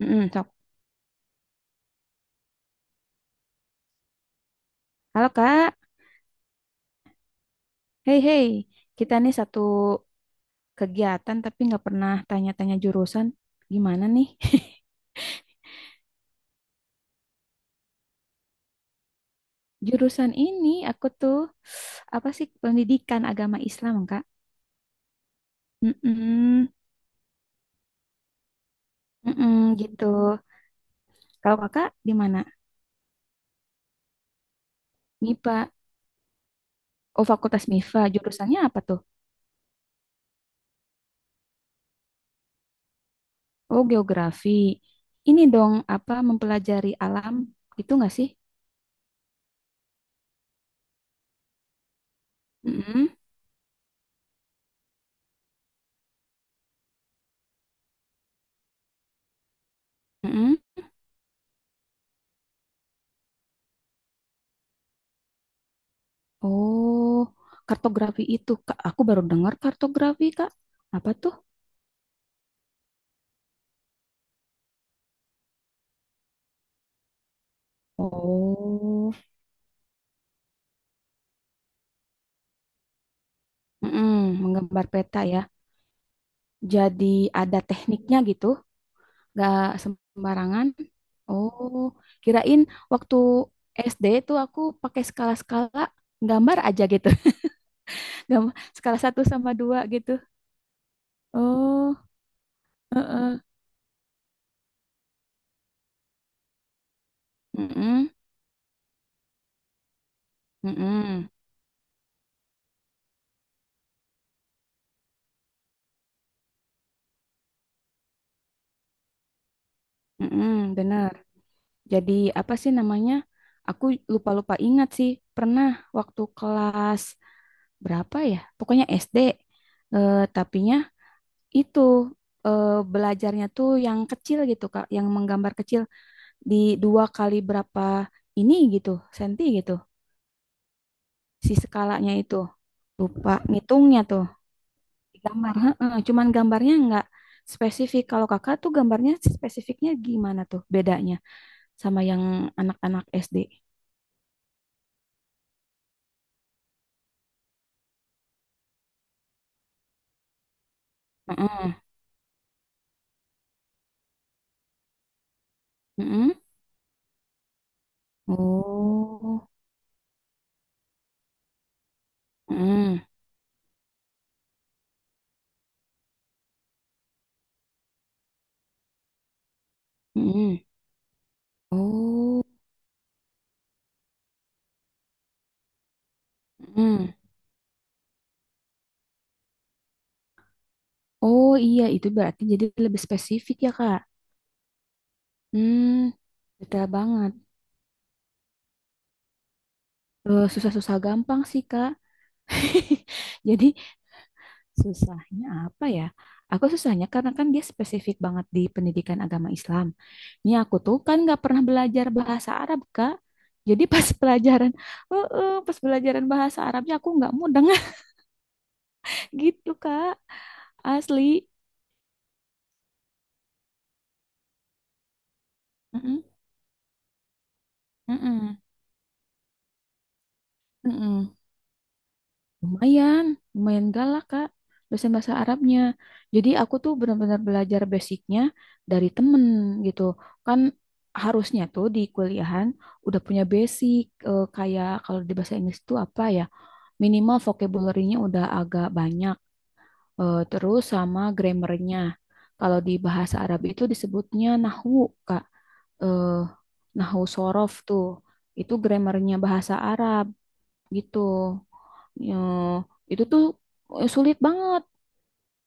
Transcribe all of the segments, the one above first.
Mm-mm, sok. Halo Kak, hei hei, kita nih satu kegiatan tapi nggak pernah tanya-tanya jurusan. Gimana nih? Jurusan ini aku tuh apa sih pendidikan agama Islam Kak? Mm-mm, mm-mm, gitu. Kalau Kakak di mana? MIPA. Oh Fakultas MIPA. Jurusannya apa tuh? Oh geografi. Ini dong apa mempelajari alam gitu nggak sih? Mm-mm, mm-mm. Oh, kartografi itu, Kak. Aku baru dengar kartografi, Kak. Apa tuh? Oh, mm-mm, menggambar peta ya. Jadi ada tekniknya gitu, nggak sembarangan. Oh, kirain waktu SD itu aku pakai skala-skala gambar aja gitu. Gambar skala satu sama dua gitu. Oh, heeh. Mm-mm, mm-mm, mm-mm, bener. Jadi apa sih namanya? Aku lupa-lupa ingat sih. Pernah waktu kelas berapa ya? Pokoknya SD. Tapinya itu belajarnya tuh yang kecil gitu, Kak, yang menggambar kecil di dua kali berapa ini gitu, senti gitu. Si skalanya itu. Lupa ngitungnya tuh. Gambar, heeh, cuman gambarnya nggak spesifik. Kalau Kakak tuh gambarnya spesifiknya gimana tuh bedanya sama yang anak-anak SD? Heeh. Heeh. Oh, mm, mm, oh, mm. Oh iya itu berarti jadi lebih spesifik ya Kak. Hmm, detail banget. Susah-susah gampang sih Kak. Jadi susahnya apa ya? Aku susahnya karena kan dia spesifik banget di pendidikan agama Islam. Ini aku tuh kan nggak pernah belajar bahasa Arab Kak. Jadi pas pelajaran, pas pelajaran bahasa Arabnya aku nggak mudeng gitu Kak, asli. Mm-mm. Mm-mm. Mm-mm. Lumayan, lumayan galak Kak, dosen bahasa Arabnya. Jadi aku tuh benar-benar belajar basicnya dari temen gitu. Kan harusnya tuh di kuliahan udah punya basic kayak kalau di bahasa Inggris tuh apa ya? Minimal vocabulary-nya udah agak banyak, terus sama grammarnya. Kalau di bahasa Arab itu disebutnya nahwu, Kak, eh, nahwu sorof tuh itu grammarnya bahasa Arab gitu. Ya, itu tuh sulit banget.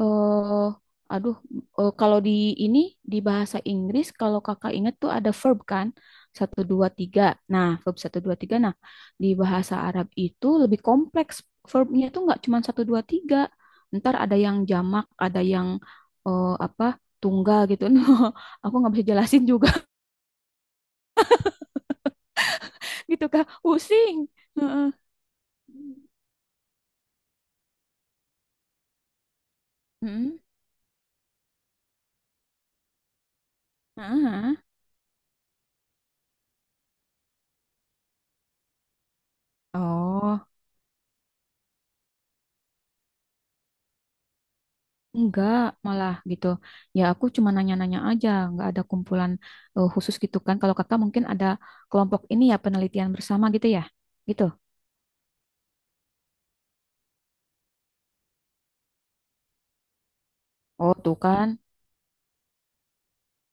eh aduh, Kalau di ini di bahasa Inggris kalau kakak ingat tuh ada verb kan satu dua tiga. Nah, verb satu dua tiga. Nah, di bahasa Arab itu lebih kompleks verbnya tuh nggak cuma satu dua tiga. Ntar ada yang jamak, ada yang eh, apa tunggal gitu. Nah, aku nggak bisa jelasin juga gitu kak. Pusing. Heeh. Heeh. Heeh. Oh, enggak, malah gitu. Ya aku cuma nanya-nanya aja, enggak ada kumpulan khusus gitu kan. Kalau kakak mungkin ada kelompok ini ya penelitian bersama gitu ya, gitu. Oh tuh kan,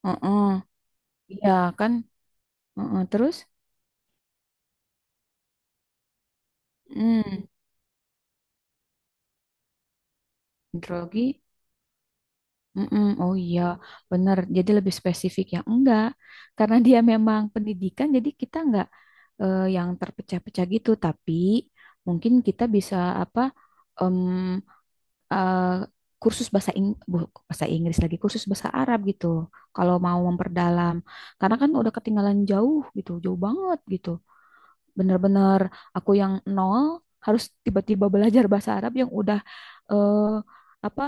heeh. Iya kan, heeh. Terus, hmm, hidrologi, mm. Oh iya, bener. Jadi lebih spesifik ya, enggak. Karena dia memang pendidikan, jadi kita enggak yang terpecah-pecah gitu. Tapi mungkin kita bisa apa? mmm, eh, Kursus bahasa bahasa Inggris lagi kursus bahasa Arab gitu kalau mau memperdalam karena kan udah ketinggalan jauh gitu jauh banget gitu bener-bener aku yang nol harus tiba-tiba belajar bahasa Arab yang udah eh, apa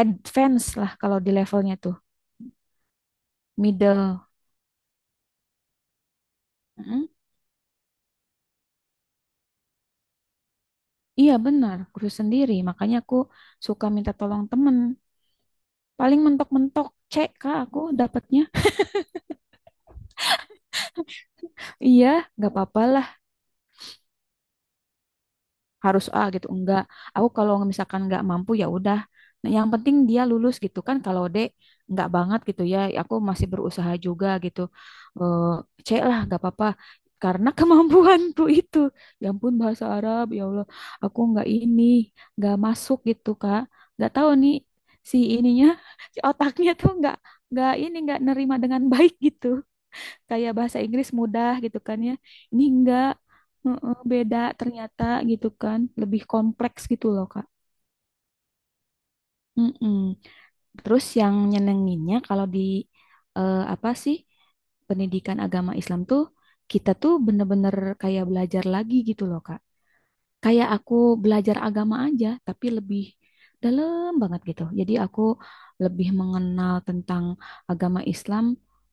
advance lah kalau di levelnya tuh middle. Mm, iya benar kursus sendiri makanya aku suka minta tolong temen paling mentok-mentok C kak aku dapatnya. Iya nggak apa-apa harus A gitu enggak, aku kalau misalkan enggak mampu ya udah, nah, yang penting dia lulus gitu kan, kalau D enggak banget gitu ya, aku masih berusaha juga gitu. Eh, C lah nggak apa-apa karena kemampuanku itu ya ampun bahasa Arab ya Allah aku nggak ini nggak masuk gitu Kak, nggak tahu nih si ininya si otaknya tuh nggak ini nggak nerima dengan baik gitu kayak bahasa Inggris mudah gitu kan ya. Ini enggak. Heeh, beda ternyata gitu kan, lebih kompleks gitu loh Kak. Mm-mm. Terus yang nyenenginnya kalau di apa sih pendidikan agama Islam tuh kita tuh bener-bener kayak belajar lagi gitu loh Kak kayak aku belajar agama aja, tapi lebih dalam banget gitu. Jadi aku lebih mengenal tentang agama Islam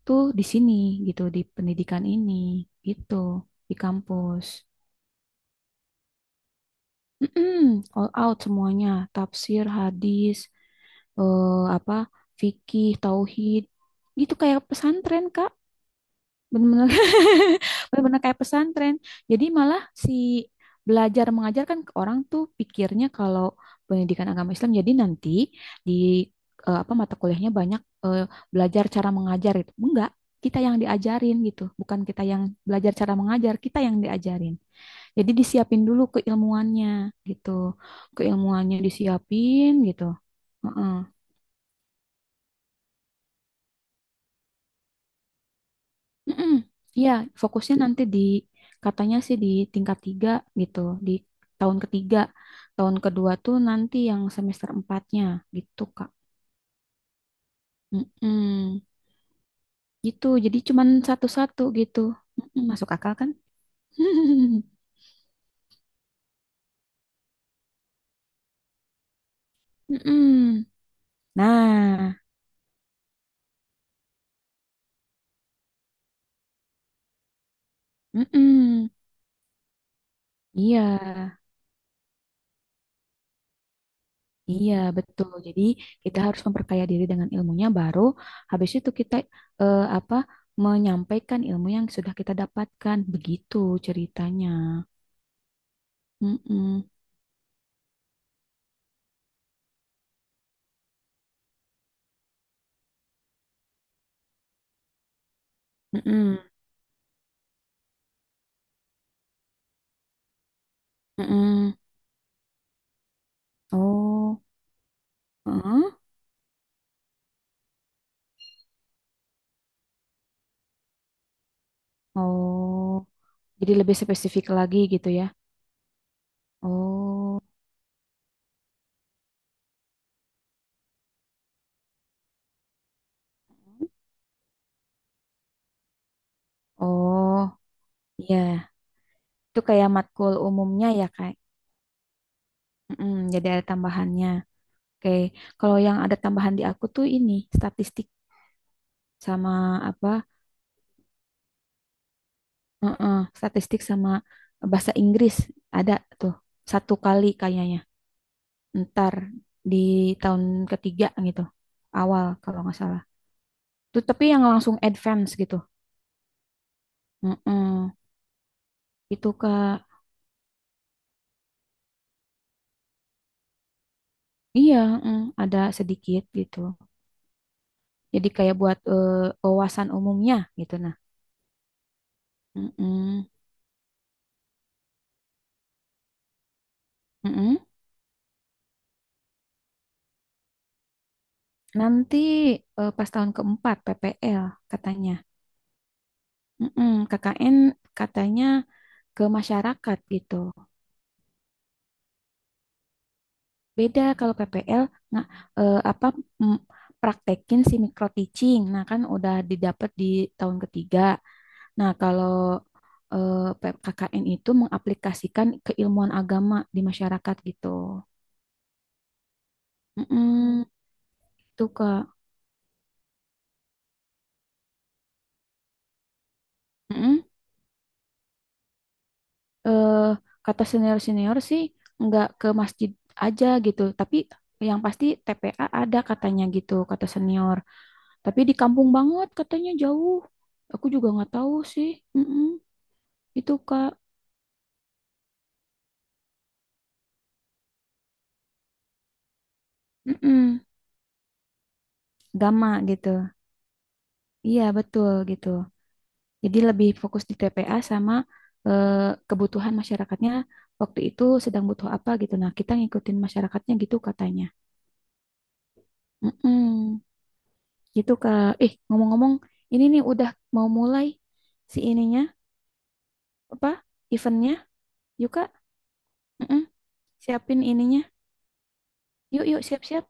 tuh di sini gitu, di pendidikan ini gitu, di kampus. Mm-mm, all out semuanya, tafsir, hadis, eh, apa, fikih, tauhid, gitu kayak pesantren, Kak. Benar-benar benar-benar kayak pesantren. Jadi malah si belajar mengajarkan ke orang tuh pikirnya kalau pendidikan agama Islam jadi nanti di eh, apa mata kuliahnya banyak belajar cara mengajar itu. Enggak, kita yang diajarin gitu, bukan kita yang belajar cara mengajar, kita yang diajarin. Jadi disiapin dulu keilmuannya gitu. Keilmuannya disiapin gitu. Heeh. Mm-mm. Iya, fokusnya nanti di katanya sih di tingkat tiga gitu, di tahun ketiga. Tahun kedua tuh nanti yang semester empatnya gitu, Kak. Mm-mm. Gitu, jadi cuman satu-satu gitu. Mm-mm, masuk akal kan? Mm-mm. Nah, mm-mm. Iya. Iya, betul. Jadi kita harus memperkaya diri dengan ilmunya baru habis itu kita eh, apa menyampaikan ilmu yang sudah kita dapatkan. Begitu ceritanya. Mm-mm. Mm-mm. Mm-mm. Oh, heeh. Oh. Jadi lebih spesifik lagi gitu ya. Oh. Oh, iya. Itu kayak matkul umumnya ya, kayak. Mm-mm, jadi ada tambahannya. Oke, kalau yang ada tambahan di aku tuh ini statistik sama apa? Heeh, statistik sama bahasa Inggris ada tuh satu kali kayaknya. Ntar di tahun ketiga gitu, awal kalau nggak salah. Tuh tapi yang langsung advance gitu. Heeh, itu Kak. Iya, heeh, ada sedikit gitu. Jadi kayak buat wawasan umumnya gitu nah. Heeh, heeh. Nanti pas tahun keempat PPL katanya. Mm-mm, KKN katanya ke masyarakat gitu. Beda kalau PPL nggak eh, apa mm, praktekin si micro teaching. Nah, kan udah didapat di tahun ketiga. Nah, kalau KKN itu mengaplikasikan keilmuan agama di masyarakat gitu. Mm-mm, tuh Kak. Mm-mm. Eh, Kata senior-senior sih nggak ke masjid aja gitu, tapi yang pasti TPA ada katanya gitu, kata senior. Tapi di kampung banget katanya jauh. Aku juga nggak tahu sih. Mm-mm. Itu Kak, mm Gama gitu. Iya, betul gitu. Jadi lebih fokus di TPA sama eh, kebutuhan masyarakatnya waktu itu sedang butuh apa gitu. Nah, kita ngikutin masyarakatnya gitu katanya. Mm-mm. Gitu Kak. Eh, ngomong-ngomong, ini nih udah mau mulai si ininya, apa? Eventnya. Yuk Kak, mm-mm. Siapin ininya. Yuk, yuk, siap-siap.